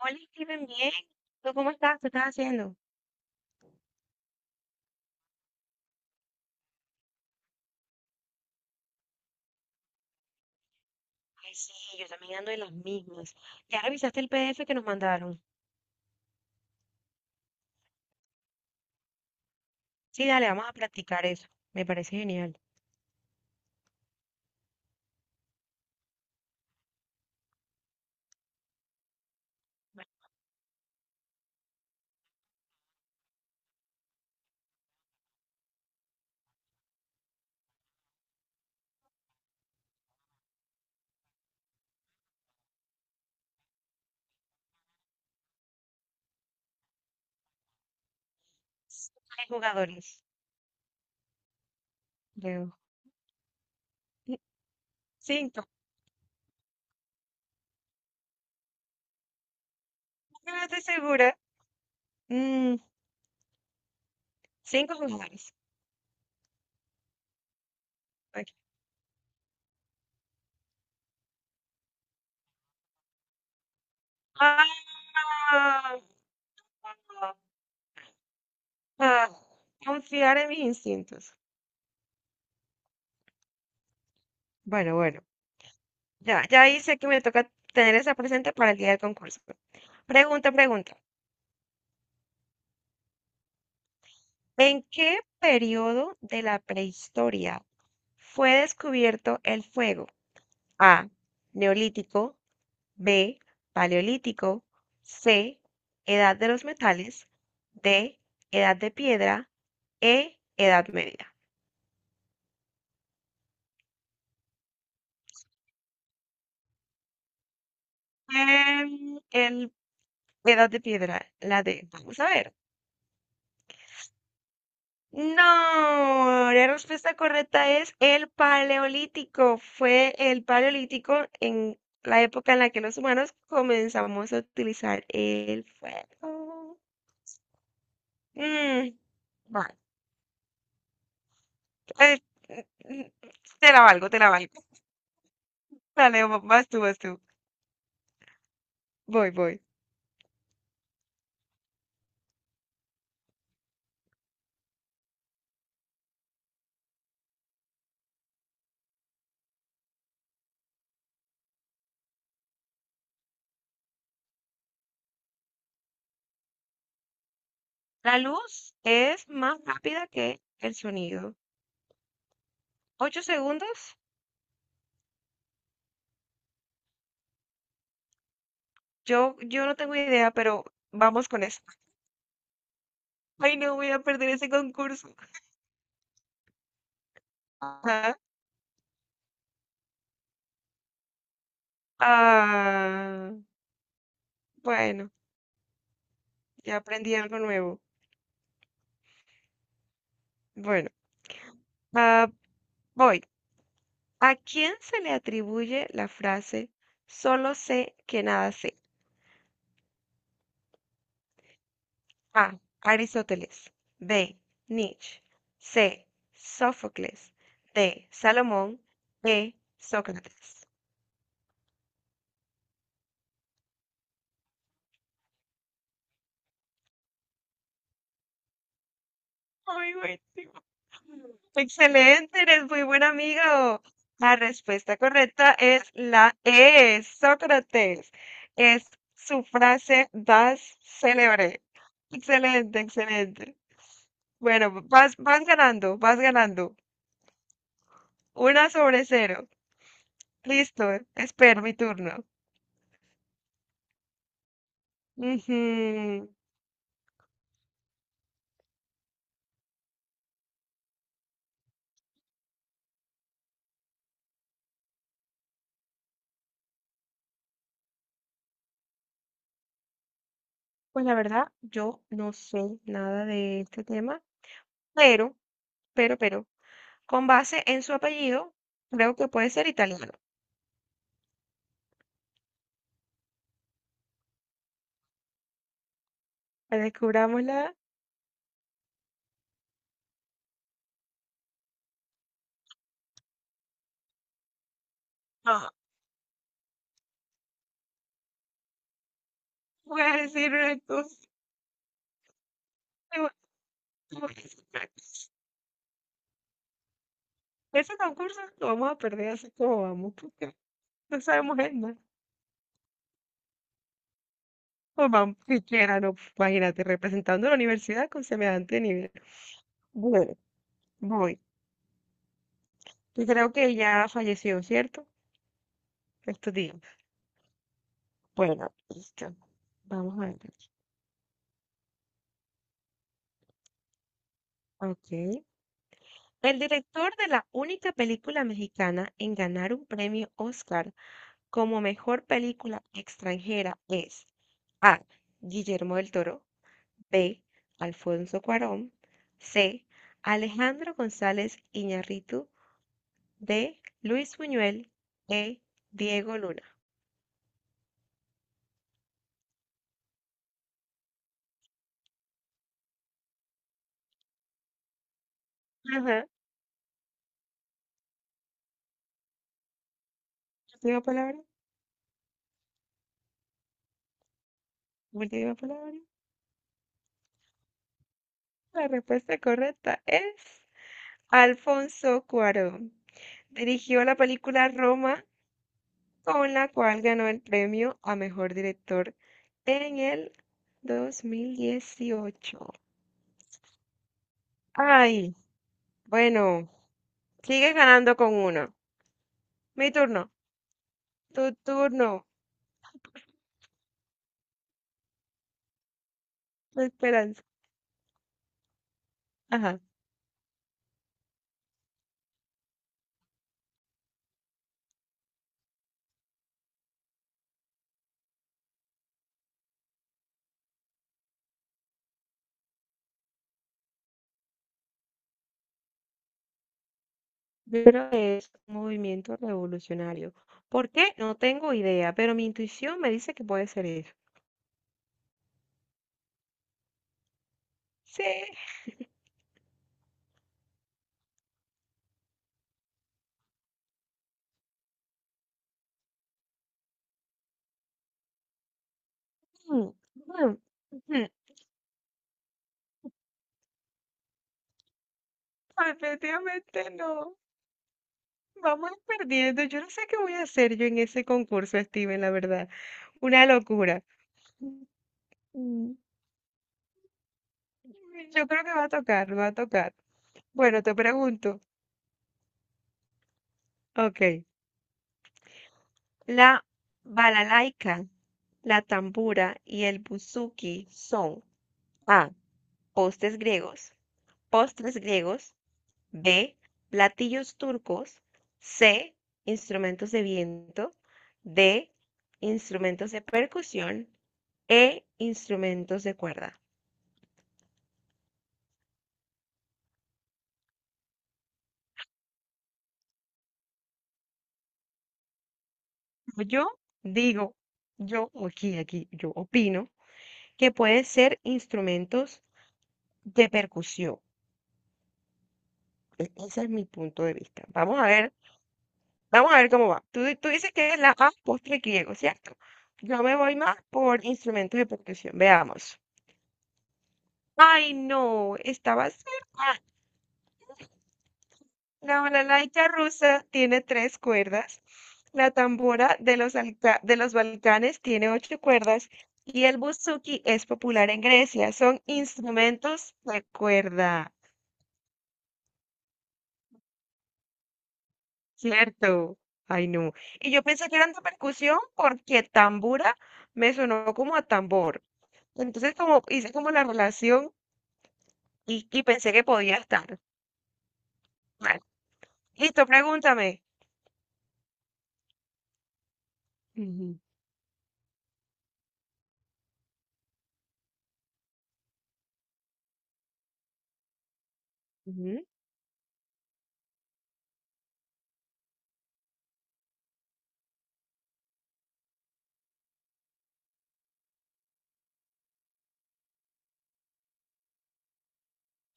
Hola, Steven, bien. ¿Tú cómo estás? ¿Qué estás haciendo? Ay, sí, yo también ando de las mismas. ¿Ya revisaste el PDF que nos mandaron? Sí, dale, vamos a practicar eso. Me parece genial. Hay jugadores, creo. Cinco. No estoy segura. Mm, cinco jugadores. Ok. Ah, ah, confiar en mis instintos. Bueno, bueno. Ya hice que me toca tener esa presente para el día del concurso. Pregunta. ¿En qué periodo de la prehistoria fue descubierto el fuego? A. Neolítico. B. Paleolítico. C. Edad de los metales. D. Edad de piedra. E. Edad media. Em, el Edad de piedra, la D. Vamos a ver. No, la respuesta correcta es el paleolítico. Fue el paleolítico en la época en la que los humanos comenzamos a utilizar el fuego. Mm, vale. Eh, mm, mm, te la valgo. Dale, vas tú. Voy. La luz es más rápida que el sonido. ¿Ocho segundos? Yo no tengo idea, pero vamos con eso. Ay, no voy a perder ese concurso. Ah, bueno, ya aprendí algo nuevo. Bueno, ah, voy. ¿A quién se le atribuye la frase solo sé que nada sé? A. Aristóteles. B. Nietzsche. C. Sófocles. D. Salomón. E. Sócrates. Ay, buenísimo. Excelente, eres muy buen amigo. La respuesta correcta es la E, Sócrates. Es su frase más célebre. Excelente, excelente. Bueno, vas ganando. Una sobre cero. Listo, espero mi turno. Ujú. Pues la verdad, yo no sé nada de este tema, pero, pero, con base en su apellido, creo que puede ser italiano. Descubrámosla. No, voy a decirlo entonces. tengo- Tengo que sacar ese concurso. Lo vamos a perder así como vamos, porque no sabemos en nada. Pues vamos, siquiera, no, imagínate, representando a la universidad con semejante nivel. Bueno, voy. Yo creo que ya falleció, ¿cierto? Estos días. Bueno, listo. Vamos a ver. Ok. El director de la única película mexicana en ganar un premio Oscar como mejor película extranjera es A. Guillermo del Toro, B. Alfonso Cuarón, C. Alejandro González Iñárritu, D. Luis Buñuel, E. Diego Luna. Ajá, última palabra, última palabra. La respuesta correcta es Alfonso Cuarón. Dirigió la película Roma con la cual ganó el premio a mejor director en el 2018. Ay, bueno, sigue ganando con uno. Mi turno, tu turno, esperanza. Ajá. Yo creo que es un movimiento revolucionario. ¿Por qué? No tengo idea, pero mi intuición me dice que puede ser eso. Sí. Mm, mm, mm. Definitivamente no. Vamos perdiendo. Yo no sé qué voy a hacer yo en ese concurso, Steven, la verdad. Una locura. Mm, yo creo que va a tocar. Bueno, te pregunto. Ok. La balalaika, la tambura y el buzuki son A, postes griegos, postres griegos, B, platillos turcos, C, instrumentos de viento, D, instrumentos de percusión, E, instrumentos de cuerda. Yo digo, yo yo opino que puede ser instrumentos de percusión. Ese es mi punto de vista. Vamos a ver cómo va. Tú, tú dices que es la A, postre griego, ¿cierto? Yo me voy más por instrumentos de percusión. Veamos. Ay, no, estaba cerca. La balalaika rusa tiene 3 cuerdas, la tambora de los, de los Balcanes tiene 8 cuerdas y el buzuki es popular en Grecia. Son instrumentos de cuerda, ¿cierto? Ay, no. Y yo pensé que eran de percusión porque tambura me sonó como a tambor. Entonces, como hice como la relación y pensé que podía estar. Vale. Listo, pregúntame. Ujú, ujú.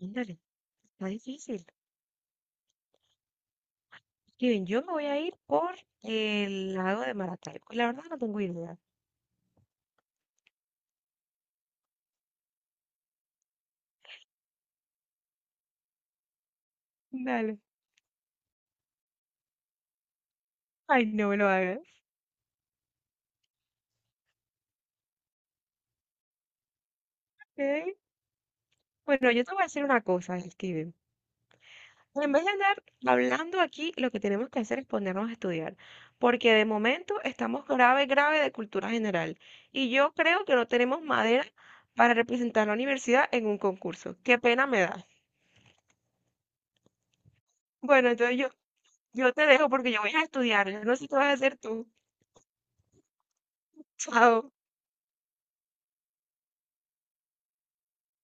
Ándale, está difícil. Kevin, yo me voy a ir por el lago de Maracaibo. La verdad no tengo idea. Dale. Ay, no me lo hagas. Ok. Bueno, yo te voy a decir una cosa, Steven. En vez de andar hablando aquí, lo que tenemos que hacer es ponernos a estudiar, porque de momento estamos grave, grave de cultura general. Y yo creo que no tenemos madera para representar la universidad en un concurso. Qué pena me da. Bueno, yo te dejo porque yo voy a estudiar. Yo no sé qué vas a hacer tú. Chao.